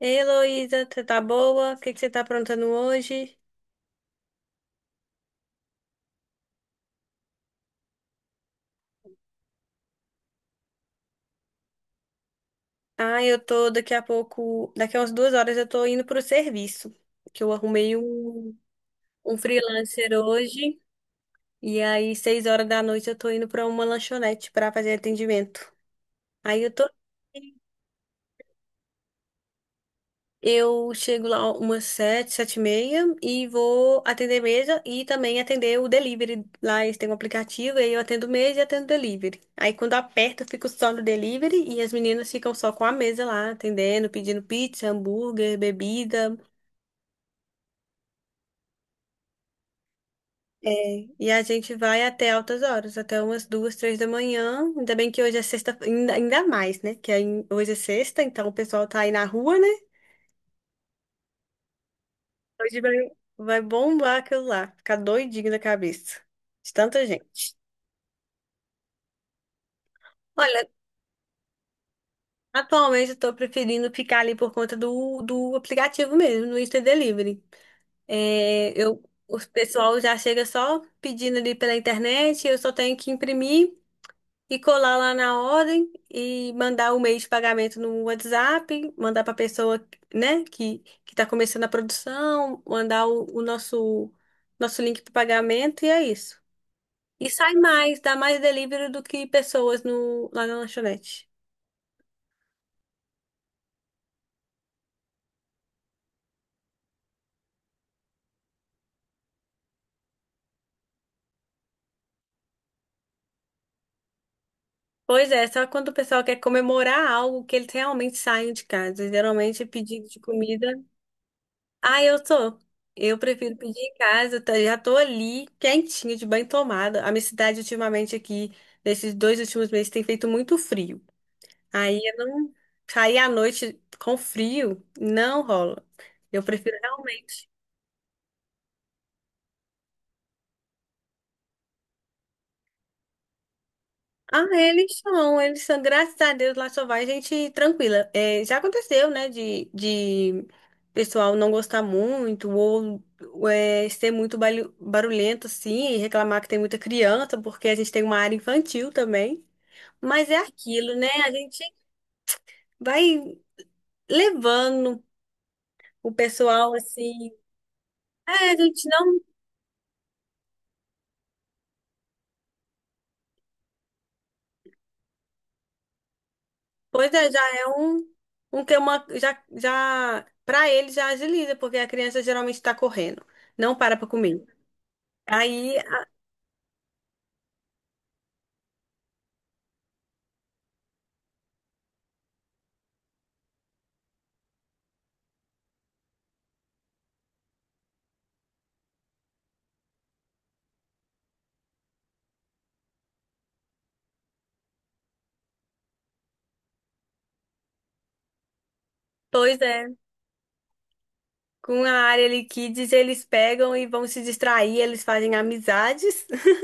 Ei, Heloísa, você tá boa? O que que você tá aprontando hoje? Ah, eu tô daqui a pouco, daqui a umas 2 horas eu tô indo pro serviço, que eu arrumei um freelancer hoje, e aí 6 horas da noite eu tô indo pra uma lanchonete pra fazer atendimento. Aí eu tô Eu chego lá umas 7, 7:30 e vou atender mesa e também atender o delivery. Lá eles têm um aplicativo, aí eu atendo mesa e atendo delivery. Aí quando aperto, eu fico só no delivery e as meninas ficam só com a mesa lá, atendendo, pedindo pizza, hambúrguer, bebida. É, e a gente vai até altas horas, até umas 2, 3 da manhã. Ainda bem que hoje é sexta, ainda mais, né? Que aí hoje é sexta, então o pessoal tá aí na rua, né? Hoje vai, vai bombar aquilo lá, ficar doidinho da cabeça de tanta gente. Olha, atualmente eu tô preferindo ficar ali por conta do aplicativo mesmo, no Insta Delivery. É, eu, o pessoal já chega só pedindo ali pela internet, eu só tenho que imprimir e colar lá na ordem e mandar o meio de pagamento no WhatsApp, mandar para pessoa, né, que está começando a produção, mandar o nosso nosso link para pagamento e é isso. E sai mais, dá mais delivery do que pessoas no, lá na lanchonete. Pois é, só quando o pessoal quer comemorar algo que eles realmente saem de casa. Geralmente é pedido de comida. Ah, eu tô. Eu prefiro pedir em casa, tá? Já tô ali, quentinha, de banho tomada. A minha cidade, ultimamente, aqui, nesses 2 últimos meses, tem feito muito frio. Aí eu não Sair à noite com frio, não rola. Eu prefiro realmente. Ah, eles são, graças a Deus, lá só vai gente tranquila. É, já aconteceu, né, de pessoal não gostar muito ou ser muito barulhento, assim, e reclamar que tem muita criança, porque a gente tem uma área infantil também. Mas é aquilo, né? A gente vai levando o pessoal, assim. É, a gente não. Pois é, já é um. Um que é uma, já, pra ele já agiliza, porque a criança geralmente tá correndo. Não para pra comer. Aí, pois é, com a área ali kids, eles pegam e vão se distrair, eles fazem amizades,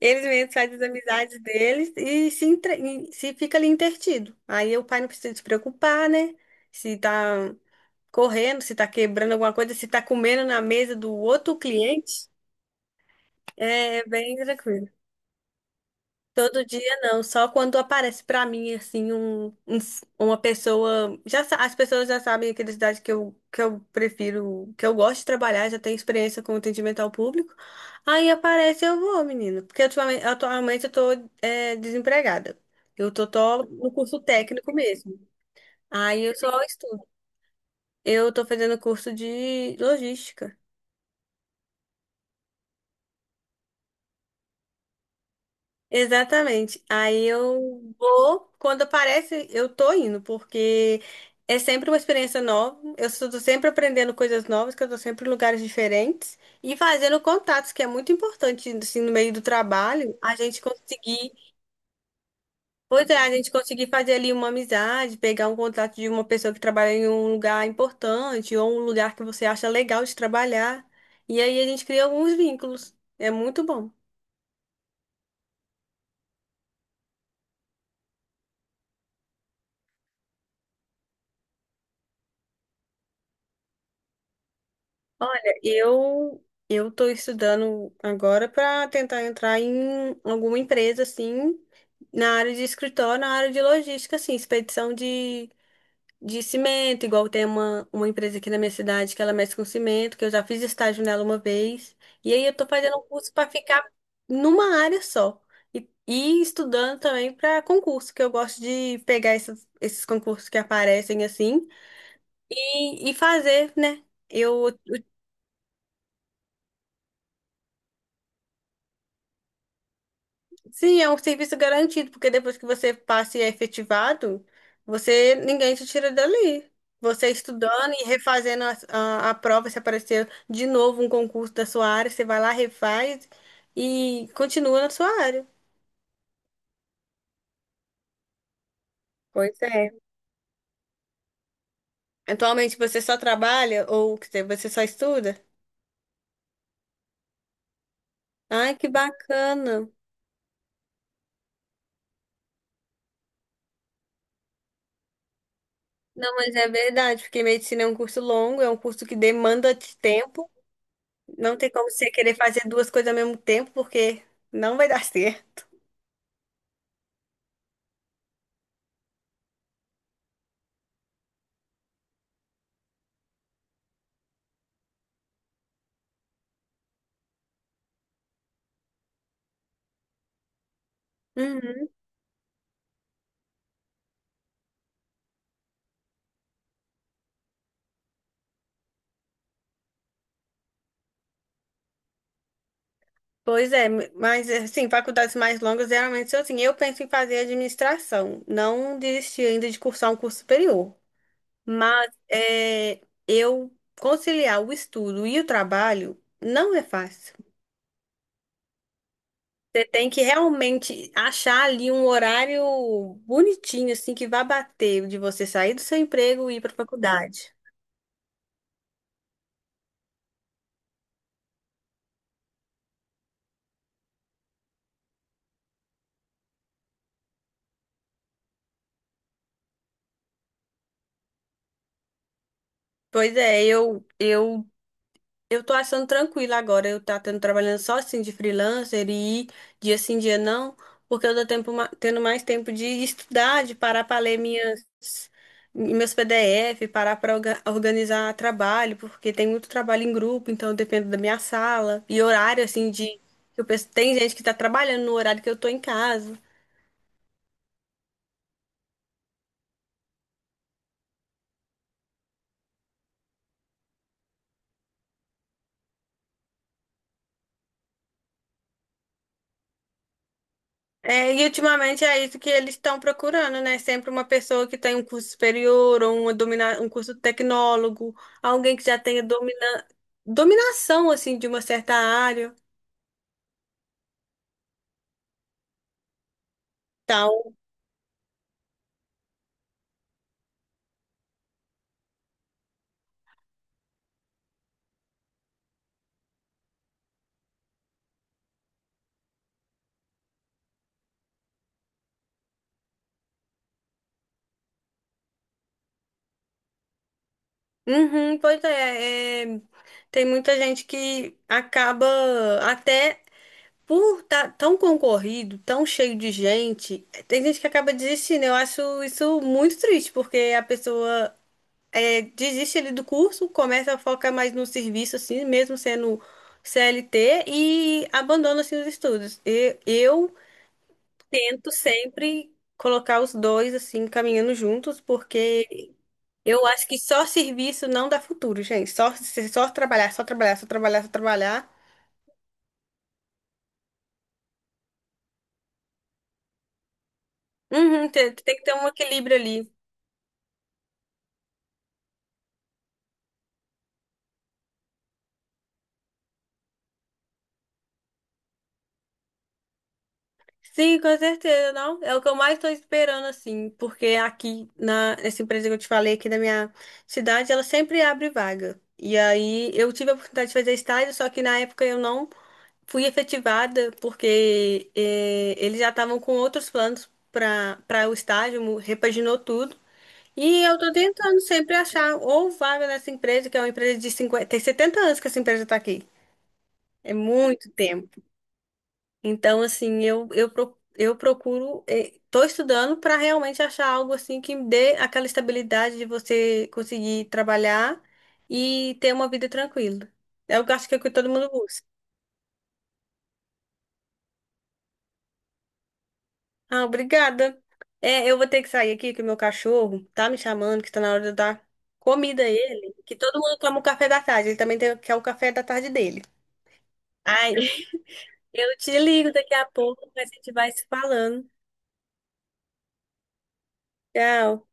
eles mesmos fazem as amizades deles e se fica ali entretido. Aí o pai não precisa se preocupar, né? Se tá correndo, se tá quebrando alguma coisa, se tá comendo na mesa do outro cliente, é bem tranquilo. Todo dia não, só quando aparece pra mim assim uma pessoa, as pessoas já sabem a idade que eu prefiro, que eu gosto de trabalhar, já tenho experiência com atendimento ao público. Aí aparece eu vou, menino, porque atualmente eu tô desempregada. Tô no curso técnico mesmo. Aí eu só estudo. Eu tô fazendo curso de logística. Exatamente. Aí eu vou, quando aparece, eu tô indo, porque é sempre uma experiência nova. Eu estou sempre aprendendo coisas novas, que eu tô sempre em lugares diferentes e fazendo contatos, que é muito importante, assim, no meio do trabalho, pois é, a gente conseguir fazer ali uma amizade, pegar um contato de uma pessoa que trabalha em um lugar importante ou um lugar que você acha legal de trabalhar. E aí a gente cria alguns vínculos. É muito bom. Olha, eu estou estudando agora para tentar entrar em alguma empresa assim na área de escritório, na área de logística, assim, de cimento, igual tem uma empresa aqui na minha cidade que ela mexe com cimento, que eu já fiz estágio nela uma vez. E aí eu estou fazendo um curso para ficar numa área só. E estudando também para concurso, que eu gosto de pegar esses concursos que aparecem assim e fazer, né? Eu Sim, é um serviço garantido, porque depois que você passa e é efetivado, você ninguém te tira dali. Você estudando e refazendo a prova, se aparecer de novo um concurso da sua área, você vai lá, refaz e continua na sua área. Pois é. Atualmente você só trabalha ou quer dizer, você só estuda? Ai, que bacana. Não, mas é verdade, porque medicina é um curso longo, é um curso que demanda de tempo. Não tem como você querer fazer duas coisas ao mesmo tempo, porque não vai dar certo. Uhum. Pois é, mas assim, faculdades mais longas geralmente são assim. Eu penso em fazer administração, não desisti ainda de cursar um curso superior, mas é, eu conciliar o estudo e o trabalho não é fácil. Você tem que realmente achar ali um horário bonitinho, assim, que vá bater de você sair do seu emprego e ir para a faculdade. Pois é, eu tô achando tranquilo agora. Eu tá tendo trabalhando só assim de freelancer e ir dia sim, dia não, porque eu tô tendo mais tempo de estudar, de parar para ler minhas meus PDF, parar para organizar trabalho, porque tem muito trabalho em grupo, então depende da minha sala e horário assim de tem gente que tá trabalhando no horário que eu tô em casa. É, e ultimamente é isso que eles estão procurando, né? Sempre uma pessoa que tem um curso superior ou um curso tecnólogo, alguém que já dominação, assim, de uma certa área, tal. Uhum, tem muita gente que acaba até por estar tão concorrido, tão cheio de gente, tem gente que acaba desistindo. Eu acho isso muito triste, porque a pessoa desiste ali do curso, começa a focar mais no serviço, assim, mesmo sendo CLT, e abandona, assim, os estudos. E eu tento sempre colocar os dois, assim, caminhando juntos, porque eu acho que só serviço não dá futuro, gente. Só trabalhar, só trabalhar, só trabalhar, só trabalhar. Uhum, tem que ter um equilíbrio ali. Sim, com certeza, não. É o que eu mais estou esperando, assim, porque nessa empresa que eu te falei, aqui da minha cidade, ela sempre abre vaga. E aí eu tive a oportunidade de fazer estágio, só que na época eu não fui efetivada, porque eles já estavam com outros planos para o estágio, repaginou tudo. E eu tô tentando sempre achar ou vaga nessa empresa, que é uma empresa de 50 tem 70 anos que essa empresa está aqui. É muito então, eu procuro, estou estudando para realmente achar algo assim que me dê aquela estabilidade de você conseguir trabalhar e ter uma vida tranquila. Eu acho que é o que todo mundo busca. Ah, obrigada. É, eu vou ter que sair aqui, que o meu cachorro tá me chamando, que está na hora de eu dar comida a ele, que todo mundo toma o café da tarde, ele também tem, quer o café da tarde dele. Ai, eu te ligo daqui a pouco, mas a gente vai se falando. Tchau.